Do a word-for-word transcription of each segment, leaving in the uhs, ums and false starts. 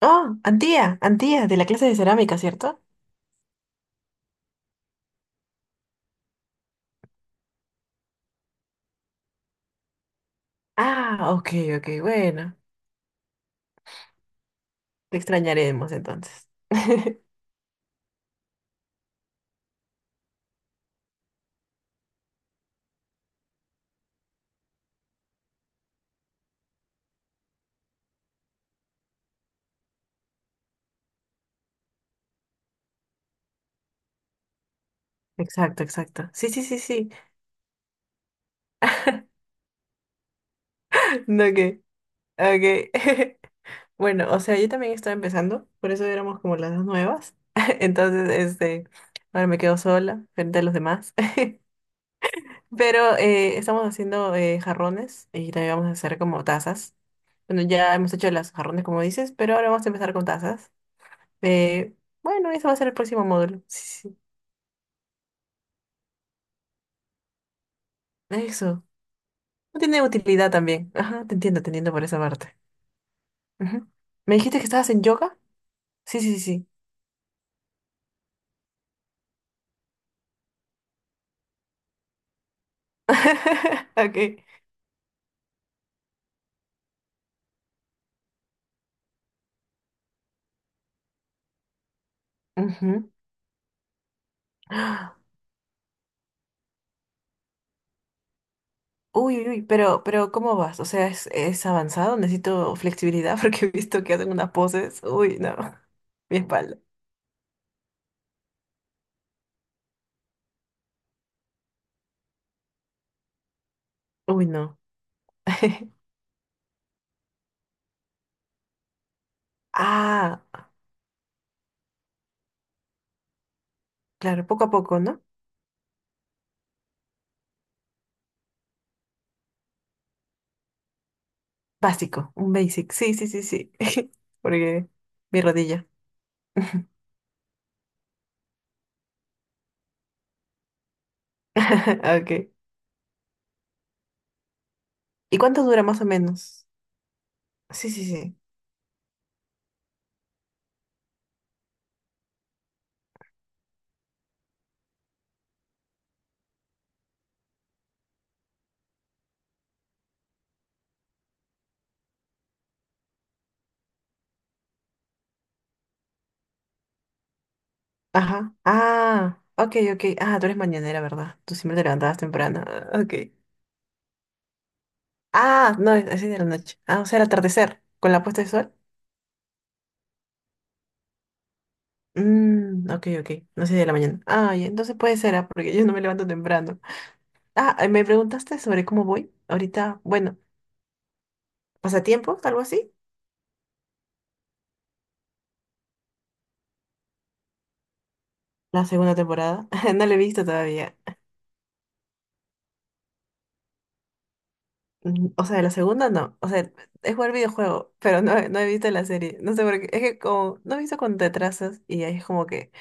Oh, Antía, Antía, de la clase de cerámica, ¿cierto? Ah, ok, ok, bueno. Te extrañaremos entonces. Exacto, exacto. Sí, sí, sí, sí. No, que, ok. Bueno, o sea, yo también estaba empezando, por eso éramos como las dos nuevas. Entonces, este, ahora me quedo sola frente a los demás. Pero eh, estamos haciendo eh, jarrones y también vamos a hacer como tazas. Bueno, ya hemos hecho las jarrones, como dices, pero ahora vamos a empezar con tazas. Eh, bueno, eso va a ser el próximo módulo. Eso. No tiene utilidad también. Ajá, te entiendo, te entiendo por esa parte. Ujú. ¿Me dijiste que estabas en yoga? Sí, sí, sí, sí. Ok. Ujú. Ah, uy, uy, uy, pero, pero ¿cómo vas? O sea, ¿es, es avanzado? Necesito flexibilidad porque he visto que hacen unas poses. Uy, no. Mi espalda. Uy, no. Ah, claro, poco a poco, ¿no? Básico, un basic. Sí, sí, sí, sí. Porque mi rodilla. Ok. ¿Y cuánto dura más o menos? Sí, sí, sí. Ajá. Ah, ok, ok. Ah, tú eres mañanera, ¿verdad? Tú siempre te levantabas temprano. Ah, ok. Ah, no, es así de la noche. Ah, o sea, el atardecer, con la puesta de sol. Mmm, ok, ok. No sé de la mañana. Ay, entonces puede ser, ah, porque yo no me levanto temprano. Ah, eh, me preguntaste sobre cómo voy. Ahorita, bueno, pasatiempos, algo así. La segunda temporada. No la he visto todavía. Mm, o sea, la segunda no. O sea, es jugar videojuego, pero no, he- no he visto la serie. No sé por qué. Es que como no he visto con te atrasas y ahí es como que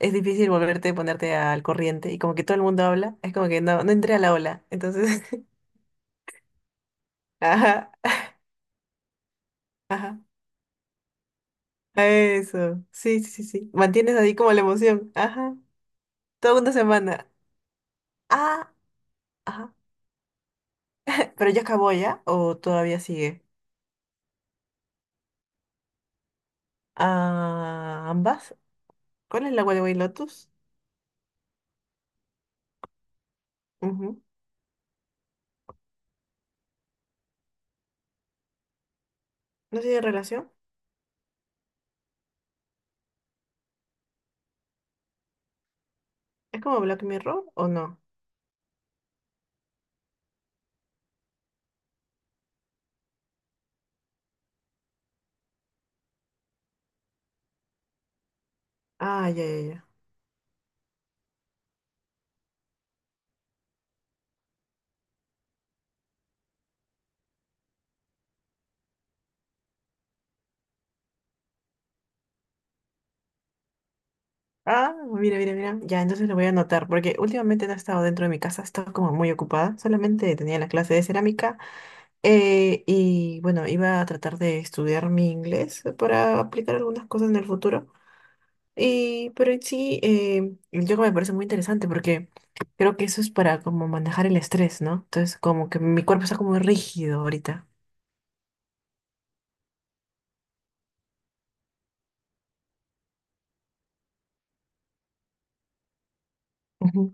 es difícil volverte, ponerte al corriente y como que todo el mundo habla, es como que no, no entré a la ola. Entonces, ajá, ajá, eso, sí, sí, sí, sí. Mantienes ahí como la emoción, ajá, toda una semana, ah, ajá. Pero ya acabó ya o todavía sigue. Ah, ambas. ¿Cuál es la White Lotus? Ujú. ¿No tiene relación? ¿Es como Black Mirror o no? Ah, ya, ya, ya. Ah, mira, mira, mira. Ya, entonces lo voy a anotar, porque últimamente no he estado dentro de mi casa, he estado como muy ocupada. Solamente tenía la clase de cerámica eh, y bueno, iba a tratar de estudiar mi inglés para aplicar algunas cosas en el futuro. Y, pero en sí, eh, el yoga me parece muy interesante porque creo que eso es para como manejar el estrés, ¿no? Entonces, como que mi cuerpo está como rígido ahorita. Ujú.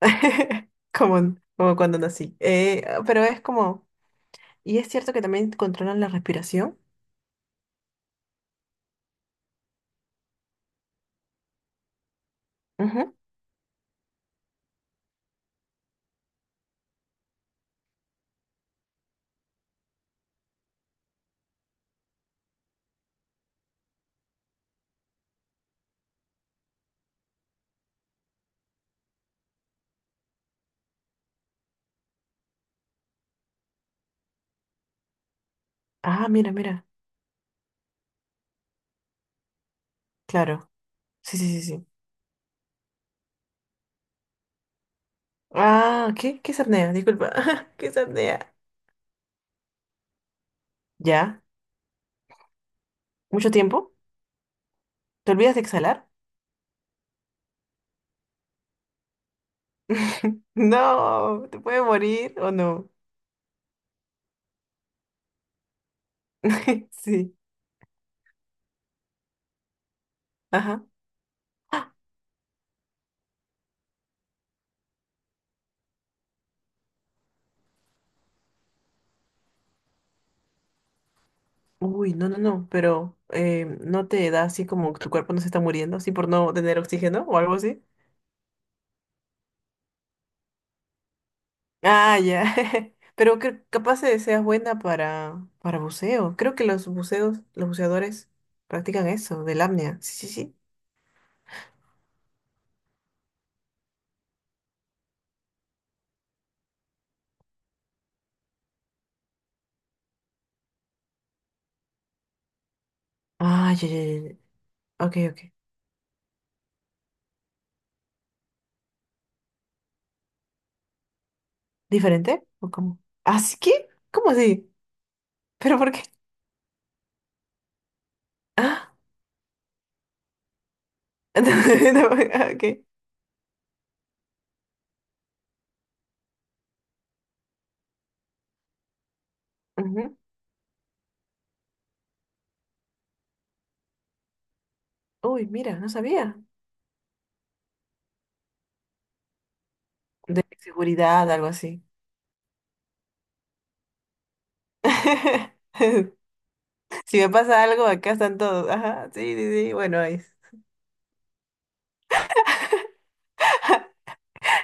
Como, como cuando nací. Eh, pero es como, y es cierto que también controlan la respiración. Ah, mira, mira. Claro. Sí, sí, sí, sí. Ah, ¿qué? ¿Qué es apnea? Disculpa. ¿Qué es apnea? ¿Ya? ¿Mucho tiempo? ¿Te olvidas de exhalar? No, ¿te puedes morir o no? Sí. Ajá. ¡Ah! Uy, no, no, no, pero eh, ¿no te da así como tu cuerpo no se está muriendo, así por no tener oxígeno o algo así? Ah, ya. Pero que capaz eh, seas buena para, para buceo. Creo que los buceos, los buceadores practican eso, del apnea. Sí, sí, sí. Ah, ya, ya, ya, ya. Ok, ok. ¿Diferente? ¿O cómo? ¿Así que? ¿Cómo así? ¿Pero por qué? Ah, no, no, ah, ok. Ujú. Uy, mira, no sabía. De seguridad, algo así. Si me pasa algo, acá están todos. Ajá, sí, sí, sí. Bueno, ahí.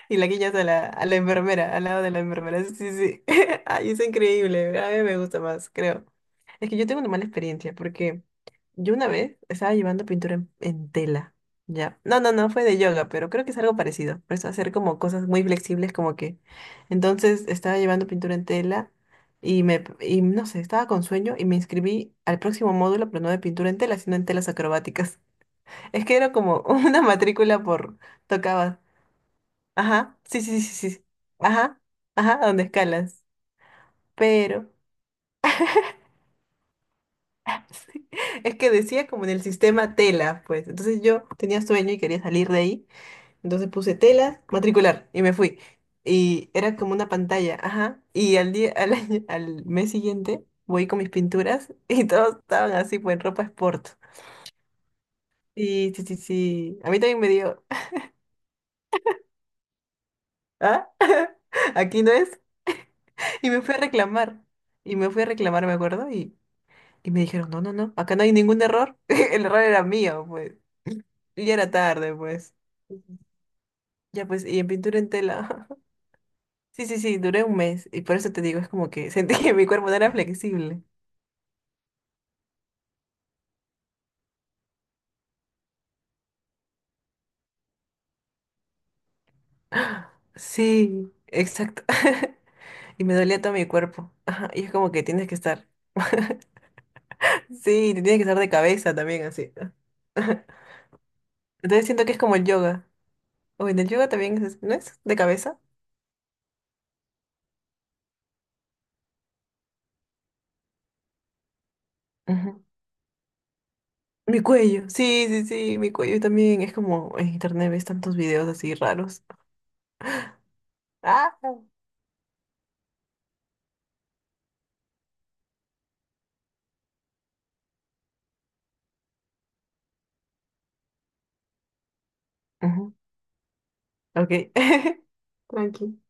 Y la guillas a la, a la enfermera, al lado de la enfermera. Sí, sí, sí. Ay, es increíble. A mí me gusta más, creo. Es que yo tengo una mala experiencia porque yo una vez estaba llevando pintura en, en tela. Ya. No, no, no, fue de yoga, pero creo que es algo parecido. Por eso hacer como cosas muy flexibles, como que. Entonces estaba llevando pintura en tela y me, y no sé, estaba con sueño y me inscribí al próximo módulo, pero no de pintura en tela, sino en telas acrobáticas. Es que era como una matrícula por, tocaba. Ajá, sí, sí, sí, sí, sí. Ajá, ajá, a donde escalas. Pero sí, es que decía como en el sistema tela, pues. Entonces yo tenía sueño y quería salir de ahí. Entonces puse tela, matricular y me fui. Y era como una pantalla, ajá. Y al día, al año- al mes siguiente voy con mis pinturas y todos estaban así, pues en ropa sport. Sí, sí, sí, sí. A mí también me dio, ¿ah? Aquí no es. Y me fui a reclamar. Y me fui a reclamar, me acuerdo, y Y me dijeron, no, no, no, acá no hay ningún error. El error era mío, pues. Y ya era tarde, pues. Ya, pues, y en pintura en tela. Sí, sí, sí, duré un mes. Y por eso te digo, es como que sentí que mi cuerpo no era flexible. Sí, exacto. Y me dolía todo mi cuerpo. Ajá, y es como que tienes que estar. Sí, te tienes que estar de cabeza también, así. Entonces siento que es como el yoga. O en el yoga también es, ¿no es? De cabeza. Mi cuello, sí, sí, sí, mi cuello también. Es como en internet ves tantos videos así raros. Ah, no, ujú, ok. Tranqui.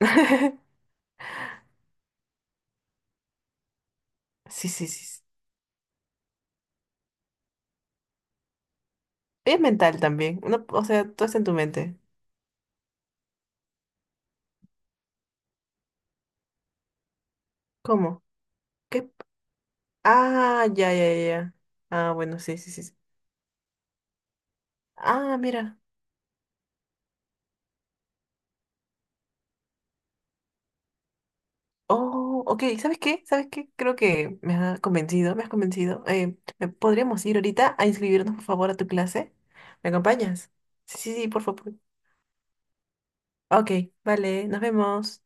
Sí, sí, sí, sí. Es mental también. No, o sea, todo está en tu mente. ¿Cómo? ¿Qué? Ah, ya, ya, ya, ya. Ah, bueno, sí, sí, sí, sí. Ah, mira. Oh, ok. ¿Sabes qué? ¿Sabes qué? Creo que me has convencido, me has convencido. Eh, ¿me podríamos ir ahorita a inscribirnos, por favor, a tu clase? ¿Me acompañas? Sí, sí, sí, por favor. Ok, vale, nos vemos.